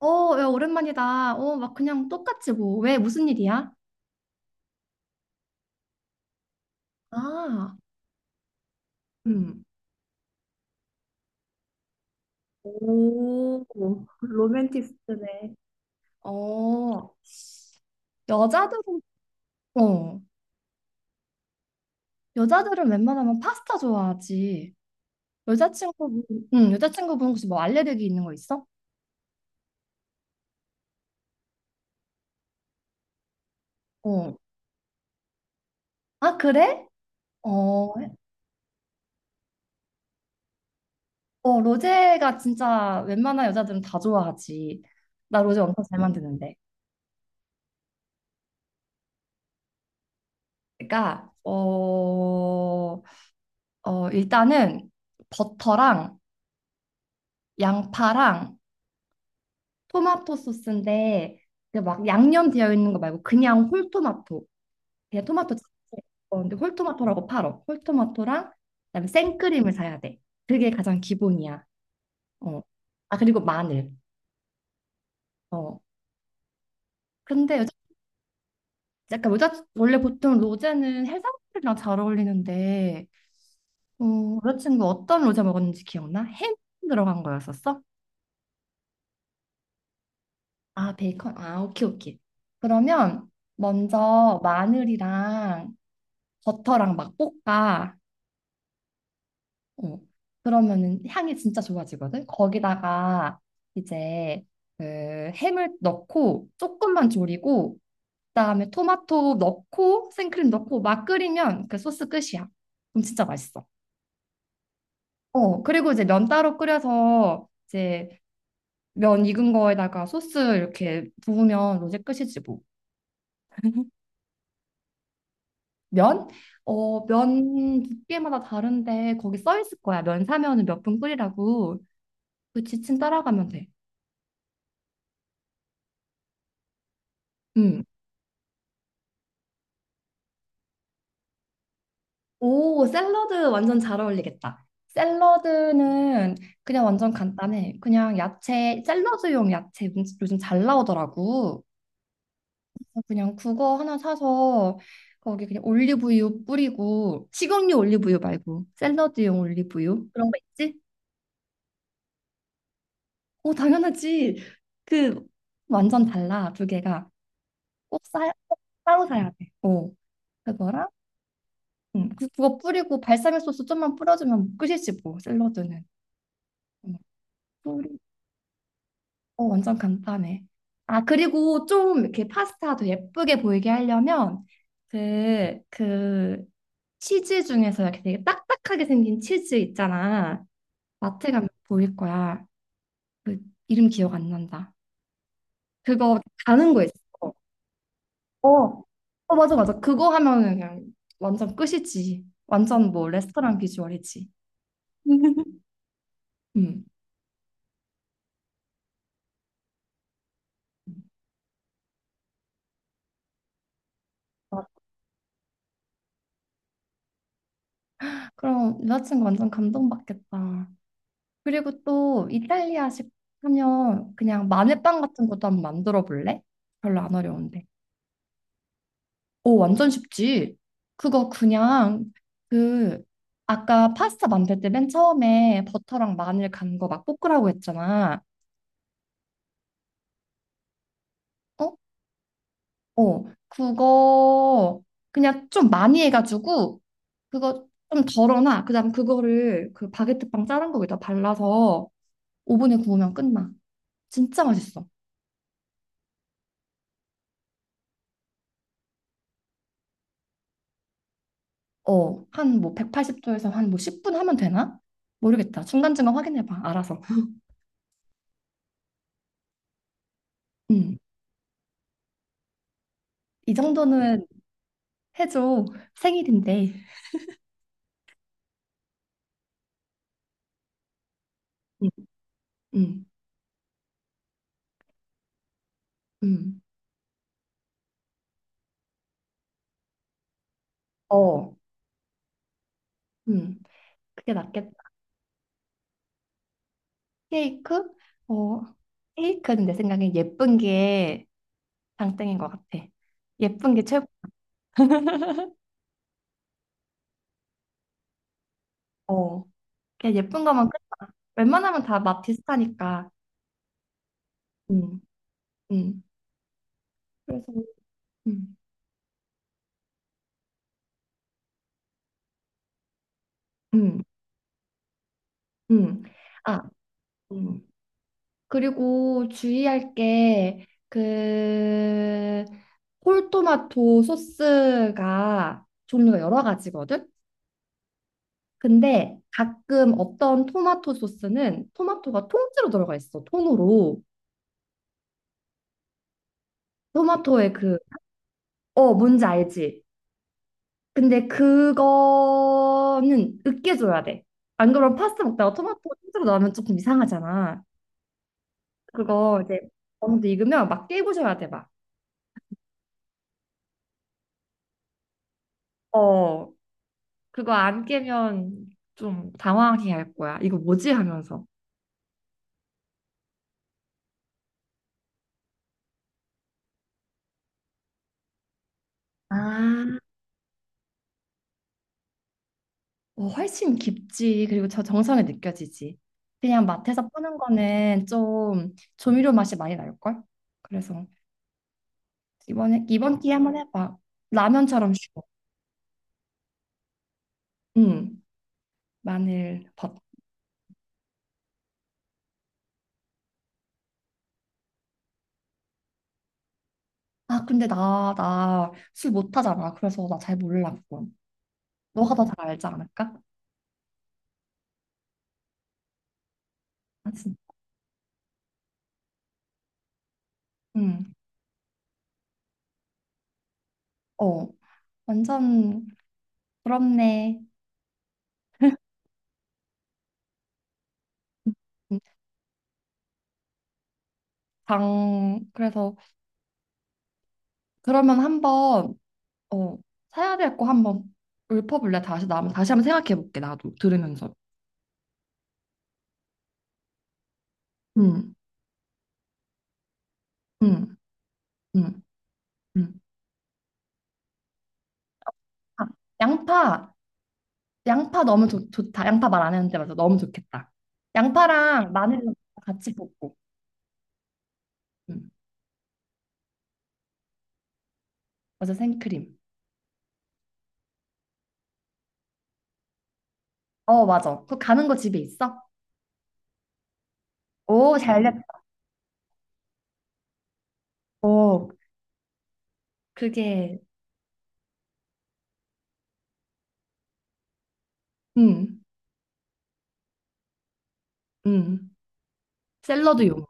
어, 야, 오랜만이다. 어, 막 그냥 똑같지 뭐. 왜 무슨 일이야? 아, 음. 오, 로맨티스트네. 어, 여자들은 어, 여자들은 웬만하면 파스타 좋아하지. 여자친구분, 응, 여자친구분 혹시 뭐 알레르기 있는 거 있어? 어. 아, 그래? 어, 어, 로제가 진짜 웬만한 여자들은 다 좋아하지. 나 로제 엄청 잘 만드는데. 그러니까 어, 어, 일단은 버터랑 양파랑 토마토 소스인데, 그막 양념 되어 있는 거 말고 그냥 홀토마토, 그냥 토마토 자체. 어, 근데 홀토마토라고 팔어. 홀토마토랑 그다음에 생크림을 사야 돼. 그게 가장 기본이야. 어, 아, 그리고 마늘. 어, 근데 여자 약간 여자 원래 보통 로제는 해산물이랑 잘 어울리는데, 어, 여자친구 어떤 로제 먹었는지 기억나? 햄 들어간 거였었어? 아, 베이컨, 아, 오케이 오케이. 그러면 먼저 마늘이랑 버터랑 막 볶아. 어. 그러면은 향이 진짜 좋아지거든. 거기다가 이제 그 햄을 넣고 조금만 졸이고, 그다음에 토마토 넣고 생크림 넣고 막 끓이면 그 소스 끝이야. 그럼 진짜 맛있어. 어, 그리고 이제 면 따로 끓여서, 이제 면 익은 거에다가 소스 이렇게 부으면 로제 끝이지 뭐. 면? 어, 면 두께마다 다른데 거기 써 있을 거야. 면 사면은 몇 분 끓이라고. 그 지침 따라가면 돼. 음. 오, 샐러드 완전 잘 어울리겠다. 샐러드는 그냥 완전 간단해. 그냥 야채, 샐러드용 야채 요즘 잘 나오더라고. 그냥 그거 하나 사서 거기 그냥 올리브유 뿌리고, 식용유 올리브유 말고 샐러드용 올리브유, 그런 거 있지? 오, 당연하지. 그 완전 달라, 두 개가. 꼭 사, 꼭 따로 사야 돼. 오, 그거랑 그거 뿌리고 발사믹 소스 좀만 뿌려주면 끝이지 뭐, 샐러드는. 음, 뿌리. 어, 완전 간단해. 아, 그리고 좀 이렇게 파스타도 예쁘게 보이게 하려면 그 치즈 중에서 이렇게 되게 딱딱하게 생긴 치즈 있잖아. 마트 가면 보일 거야. 그, 이름 기억 안 난다. 그거 가는 거 있어. 어. 어, 맞아 맞아. 그거 하면은 그냥 완전 끝이지. 완전 뭐 레스토랑 비주얼이지. 음. 그럼 여자친구 완전 감동받겠다. 그리고 또 이탈리아식 하면 그냥 마늘빵 같은 것도 한번 만들어 볼래? 별로 안 어려운데. 오, 완전 쉽지. 그거 그냥, 그, 아까 파스타 만들 때 맨 처음에 버터랑 마늘 간 거 막 볶으라고 했잖아. 어? 어. 그거 그냥 좀 많이 해가지고 그거 좀 덜어놔. 그다음 그거를 그 바게트빵 자른 거기다 발라서 오븐에 구우면 끝나. 진짜 맛있어. 어, 한 뭐 180도에서 한 뭐 10분 하면 되나? 모르겠다. 중간중간 확인해봐. 알아서. 음, 음. 이 정도는 해줘. 생일인데. 음, 음, 음. 어, 음. 그게 낫겠다. 케이크? 어, 케이크는 내 생각엔 예쁜 게 장땡인 것 같아. 예쁜 게 최고. 어, 그냥 예쁜 거만 끝나. 웬만하면 다 맛 비슷하니까. 음, 음. 그래서, 음, 음, 음. 아, 음. 그리고 주의할 게, 그, 홀토마토 소스가 종류가 여러 가지거든? 근데 가끔 어떤 토마토 소스는 토마토가 통째로 들어가 있어, 통으로. 토마토의 그, 어, 뭔지 알지? 근데 그거는 으깨줘야 돼. 안 그러면 파스타 먹다가 토마토 통째로 나오면 조금 이상하잖아. 그거 이제 어느 정도 익으면 막 깨부셔야 돼, 막. 어. 그거 안 깨면 좀 당황해 할 거야. 이거 뭐지? 하면서. 아, 어, 훨씬 깊지. 그리고 저 정성이 느껴지지. 그냥 마트에서 파는 거는 좀 조미료 맛이 많이 날걸? 그래서 이번 기회 한번 해봐. 라면처럼 쉬워. 응. 마늘, 밥. 아, 근데 나 술 못하잖아. 그래서 나 잘 몰라, 그건. 너가 더 잘 알지 않을까? 아, 진, 응. 어, 완전 부럽네. 응. 장, 그래서 그러면 한번, 어, 사야 될 거 한번 읊어볼래? 다시 나 다시 한번 생각해 볼게, 나도 들으면서. 음, 음, 음, 음. 아, 양파 양파 너무 좋다. 양파 말 안 했는데 맞아 너무 좋겠다. 양파랑 마늘 같이 볶고. 음, 맞아 생크림. 어 맞아. 그거 가는 거 집에 있어? 오, 잘됐. 오, 그게 음, 음. 샐러드용.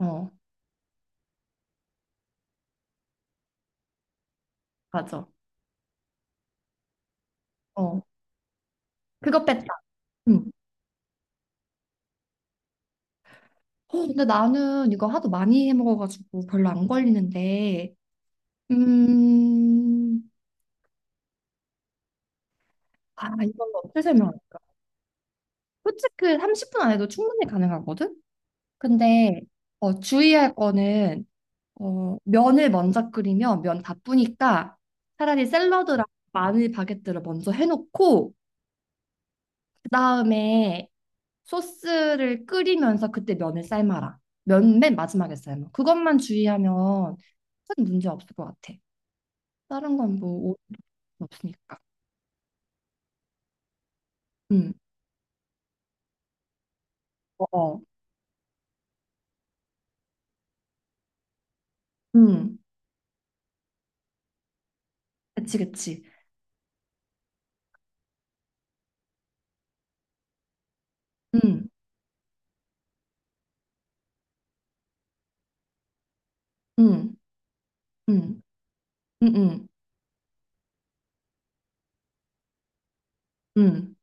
어 맞아. 어, 그거 뺐다. 응. 어, 근데 나는 이거 하도 많이 해 먹어가지고 별로 안 걸리는데, 음, 아, 이걸 어떻게 설명할까? 솔직히 30분 안에도 충분히 가능하거든? 근데, 어, 주의할 거는, 어, 면을 먼저 끓이면 면 다 뿌니까 차라리 샐러드랑 마늘 바게트를 먼저 해놓고, 그 다음에 소스를 끓이면서 그때 면을 삶아라. 면 맨 마지막에 삶아. 그것만 주의하면 큰 문제 없을 것 같아. 다른 건뭐 없으니까. 음. 어, 어. 응, 그치, 그치. 음. 음. 음, 음. 음,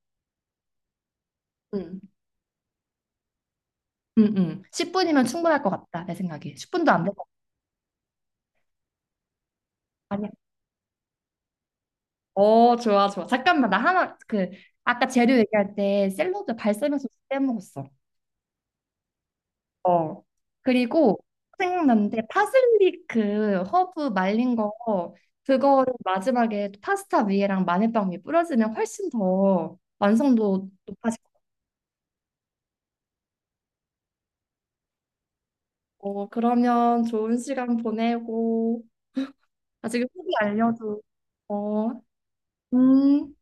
음. 응, 응. 10분이면 충분할 것 같다, 내 생각에. 10분도 안될 것 같아. 아니야. 어, 좋아, 좋아. 잠깐만, 나 하나, 그, 아까 재료 얘기할 때 샐러드 발사믹 소스 빼먹었어. 어. 그리고 생각났는데 파슬리 그 허브 말린 거, 그거를 마지막에 파스타 위에랑 마늘빵 위에 뿌려주면 훨씬 더 완성도 높아질. 어, 그러면 좋은 시간 보내고, 아, 지금 후기 알려줘. 어, 음.